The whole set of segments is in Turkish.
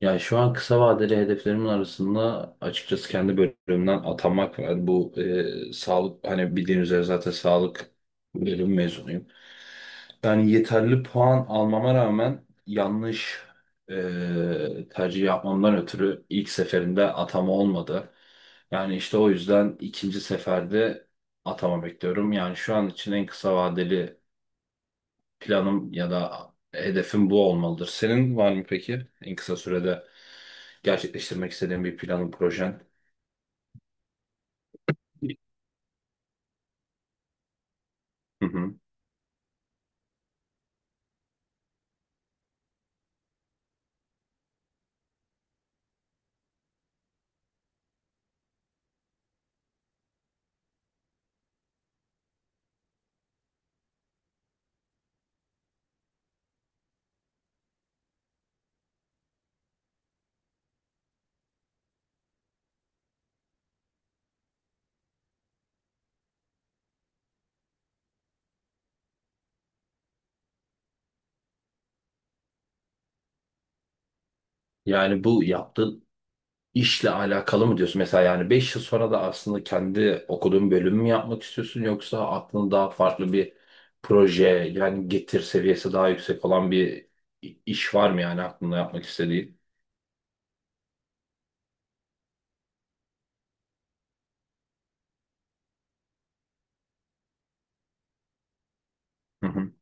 Yani şu an kısa vadeli hedeflerimin arasında açıkçası kendi bölümümden atanmak var. Yani bu sağlık, hani bildiğiniz üzere zaten sağlık bölüm mezunuyum. Yani yeterli puan almama rağmen yanlış tercih yapmamdan ötürü ilk seferinde atama olmadı. Yani işte o yüzden ikinci seferde atama bekliyorum. Yani şu an için en kısa vadeli planım ya da hedefim bu olmalıdır. Senin var mı peki en kısa sürede gerçekleştirmek istediğin bir planın, projen? Hı hı. Yani bu yaptığın işle alakalı mı diyorsun? Mesela yani 5 yıl sonra da aslında kendi okuduğun bölümü mü yapmak istiyorsun, yoksa aklında daha farklı bir proje, yani getir seviyesi daha yüksek olan bir iş var mı yani aklında yapmak istediğin? Hı hı.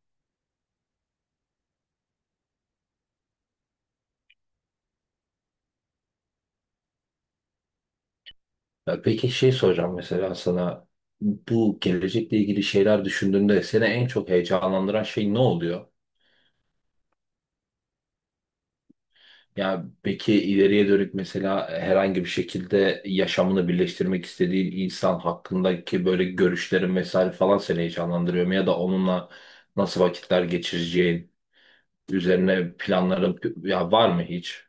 Ya peki şey soracağım mesela sana, bu gelecekle ilgili şeyler düşündüğünde seni en çok heyecanlandıran şey ne oluyor? Ya peki ileriye dönük mesela herhangi bir şekilde yaşamını birleştirmek istediğin insan hakkındaki böyle görüşlerin vesaire falan seni heyecanlandırıyor mu? Ya da onunla nasıl vakitler geçireceğin üzerine planların ya var mı hiç?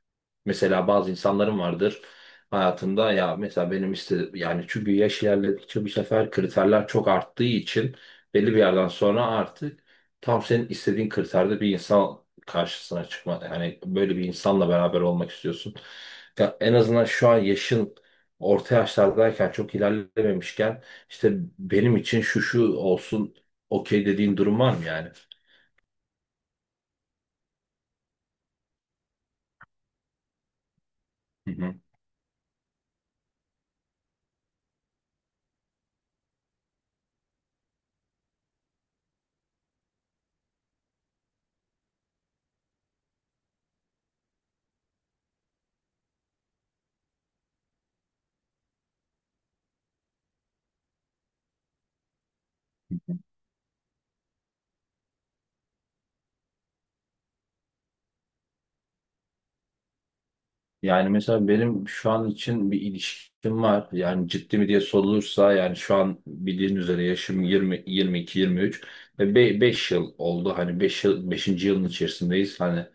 Mesela bazı insanların vardır hayatında, ya mesela benim işte, yani çünkü yaş ilerledikçe bu sefer kriterler çok arttığı için belli bir yerden sonra artık tam senin istediğin kriterde bir insan karşısına çıkma, yani böyle bir insanla beraber olmak istiyorsun. Ya en azından şu an yaşın orta yaşlardayken, çok ilerlememişken, işte benim için şu şu olsun, okey dediğin durum var mı yani? Hı hı. Yani mesela benim şu an için bir ilişkim var. Yani ciddi mi diye sorulursa, yani şu an bildiğin üzere yaşım 20 22 23 ve 5 yıl oldu. Hani 5 yıl, 5. yılın içerisindeyiz. Hani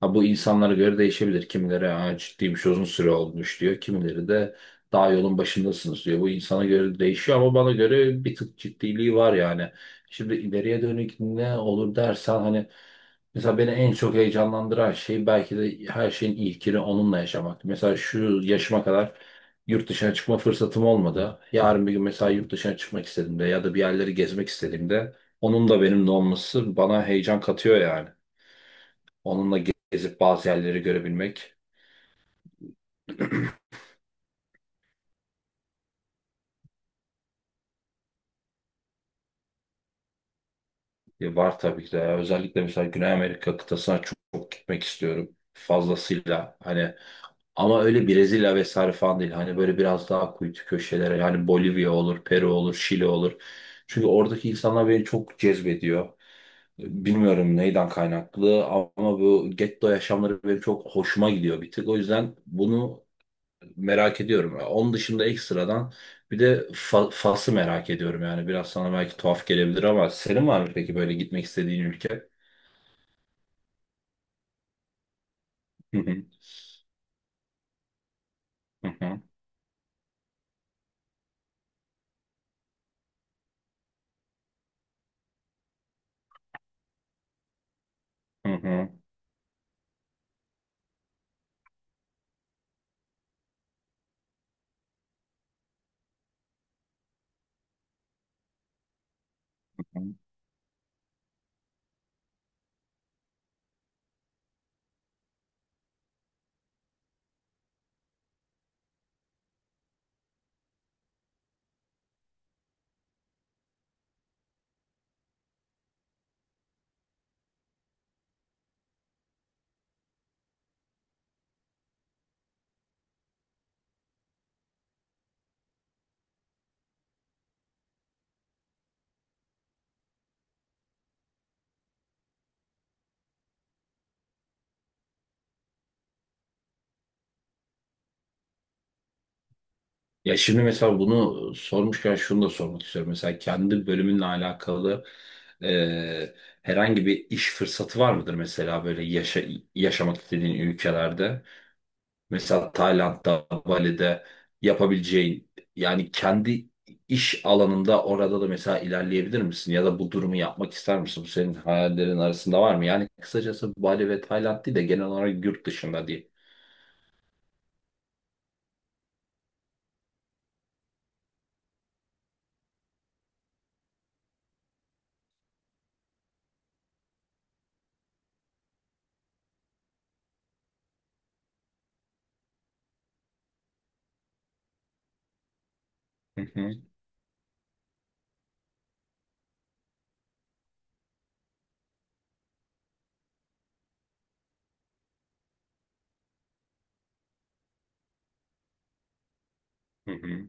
ha, bu insanlara göre değişebilir. Kimileri "Aa, ciddiymiş, uzun süre olmuş" diyor. Kimileri de "daha yolun başındasınız" diyor. Bu insana göre değişiyor ama bana göre bir tık ciddiliği var yani. Şimdi ileriye dönük ne olur dersen, hani mesela beni en çok heyecanlandıran şey belki de her şeyin ilkini onunla yaşamak. Mesela şu yaşıma kadar yurt dışına çıkma fırsatım olmadı. Yarın bir gün mesela yurt dışına çıkmak istediğimde ya da bir yerleri gezmek istediğimde onun da benimle olması bana heyecan katıyor yani. Onunla gezip bazı yerleri görebilmek. E, var tabii ki de. Özellikle mesela Güney Amerika kıtasına çok, çok gitmek istiyorum. Fazlasıyla, hani ama öyle Brezilya vesaire falan değil. Hani böyle biraz daha kuytu köşelere, yani Bolivya olur, Peru olur, Şili olur. Çünkü oradaki insanlar beni çok cezbediyor. Bilmiyorum neyden kaynaklı ama bu getto yaşamları benim çok hoşuma gidiyor bir tık. O yüzden bunu merak ediyorum. Onun dışında ekstradan bir de Fas'ı merak ediyorum yani. Biraz sana belki tuhaf gelebilir ama senin var mı peki böyle gitmek istediğin ülke? Hı hı, hı hı, hı hı. Ya şimdi mesela bunu sormuşken şunu da sormak istiyorum. Mesela kendi bölümünle alakalı e, herhangi bir iş fırsatı var mıdır mesela böyle yaşamak istediğin ülkelerde? Mesela Tayland'da, Bali'de yapabileceğin, yani kendi iş alanında orada da mesela ilerleyebilir misin? Ya da bu durumu yapmak ister misin? Bu senin hayallerin arasında var mı? Yani kısacası Bali ve Tayland değil de genel olarak yurt dışında diye. Hı hı, hı hı.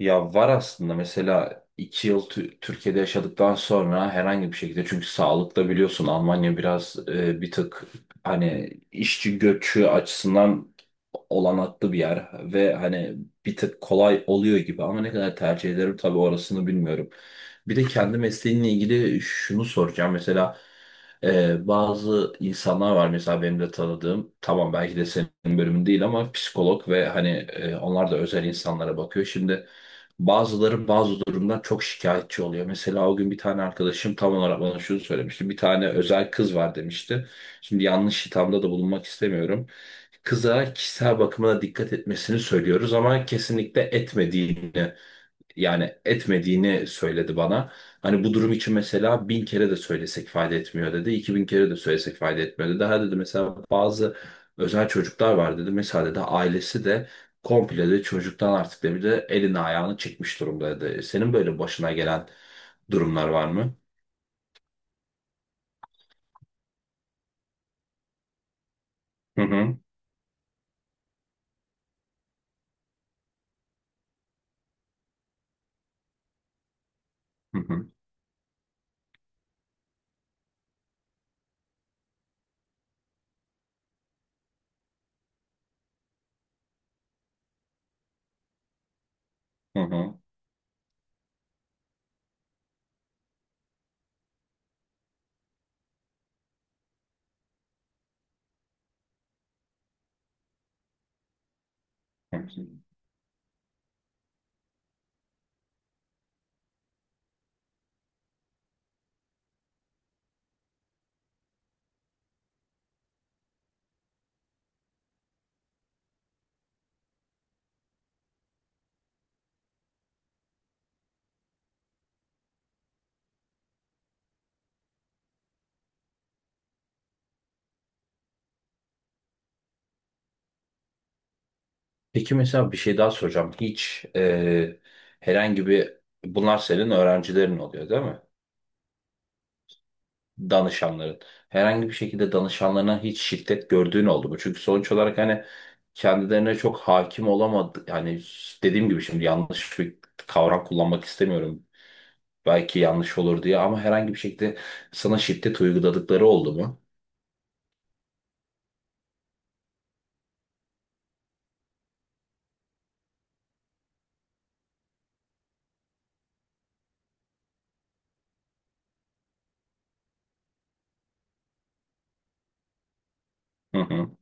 Ya var aslında, mesela iki yıl Türkiye'de yaşadıktan sonra herhangi bir şekilde, çünkü sağlıkta biliyorsun Almanya biraz bir tık, hani işçi göçü açısından olanaklı bir yer ve hani bir tık kolay oluyor gibi ama ne kadar tercih ederim tabii orasını bilmiyorum. Bir de kendi mesleğimle ilgili şunu soracağım mesela, bazı insanlar var mesela benim de tanıdığım, tamam belki de senin bölümün değil ama psikolog, ve hani onlar da özel insanlara bakıyor. Şimdi bazıları bazı durumdan çok şikayetçi oluyor. Mesela o gün bir tane arkadaşım tam olarak bana şunu söylemişti. Bir tane özel kız var demişti. Şimdi yanlış hitamda da bulunmak istemiyorum. Kıza kişisel bakımına dikkat etmesini söylüyoruz ama kesinlikle etmediğini, yani etmediğini söyledi bana. Hani bu durum için mesela bin kere de söylesek fayda etmiyor dedi. İki bin kere de söylesek fayda etmiyor dedi. Ha dedi, mesela bazı özel çocuklar var dedi. Mesela dedi ailesi de komple de çocuktan artık dedi bir de elini ayağını çekmiş durumda dedi. Senin böyle başına gelen durumlar var mı? Hı hı. Hı hı. Hı hı. Hı hı. Peki mesela bir şey daha soracağım. Hiç herhangi bir, bunlar senin öğrencilerin oluyor değil mi? Danışanların. Herhangi bir şekilde danışanlarına hiç şiddet gördüğün oldu mu? Çünkü sonuç olarak hani kendilerine çok hakim olamadı. Yani dediğim gibi şimdi yanlış bir kavram kullanmak istemiyorum. Belki yanlış olur diye, ama herhangi bir şekilde sana şiddet uyguladıkları oldu mu? Hı hı.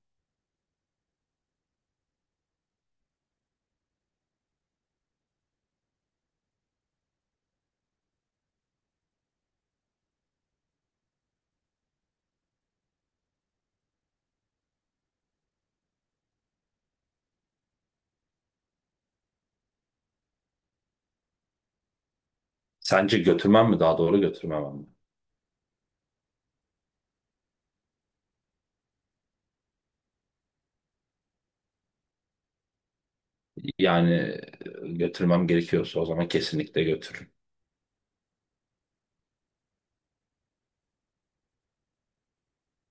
Sence götürmem mi daha doğru, götürmemem mi? Yani götürmem gerekiyorsa o zaman kesinlikle götürürüm.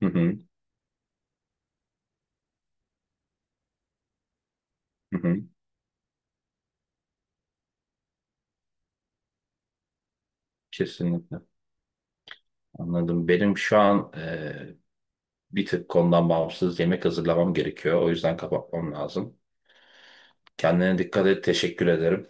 Hı hı, hı hı. Kesinlikle. Anladım. Benim şu an bir tık konudan bağımsız yemek hazırlamam gerekiyor. O yüzden kapatmam lazım. Kendine dikkat et. Teşekkür ederim.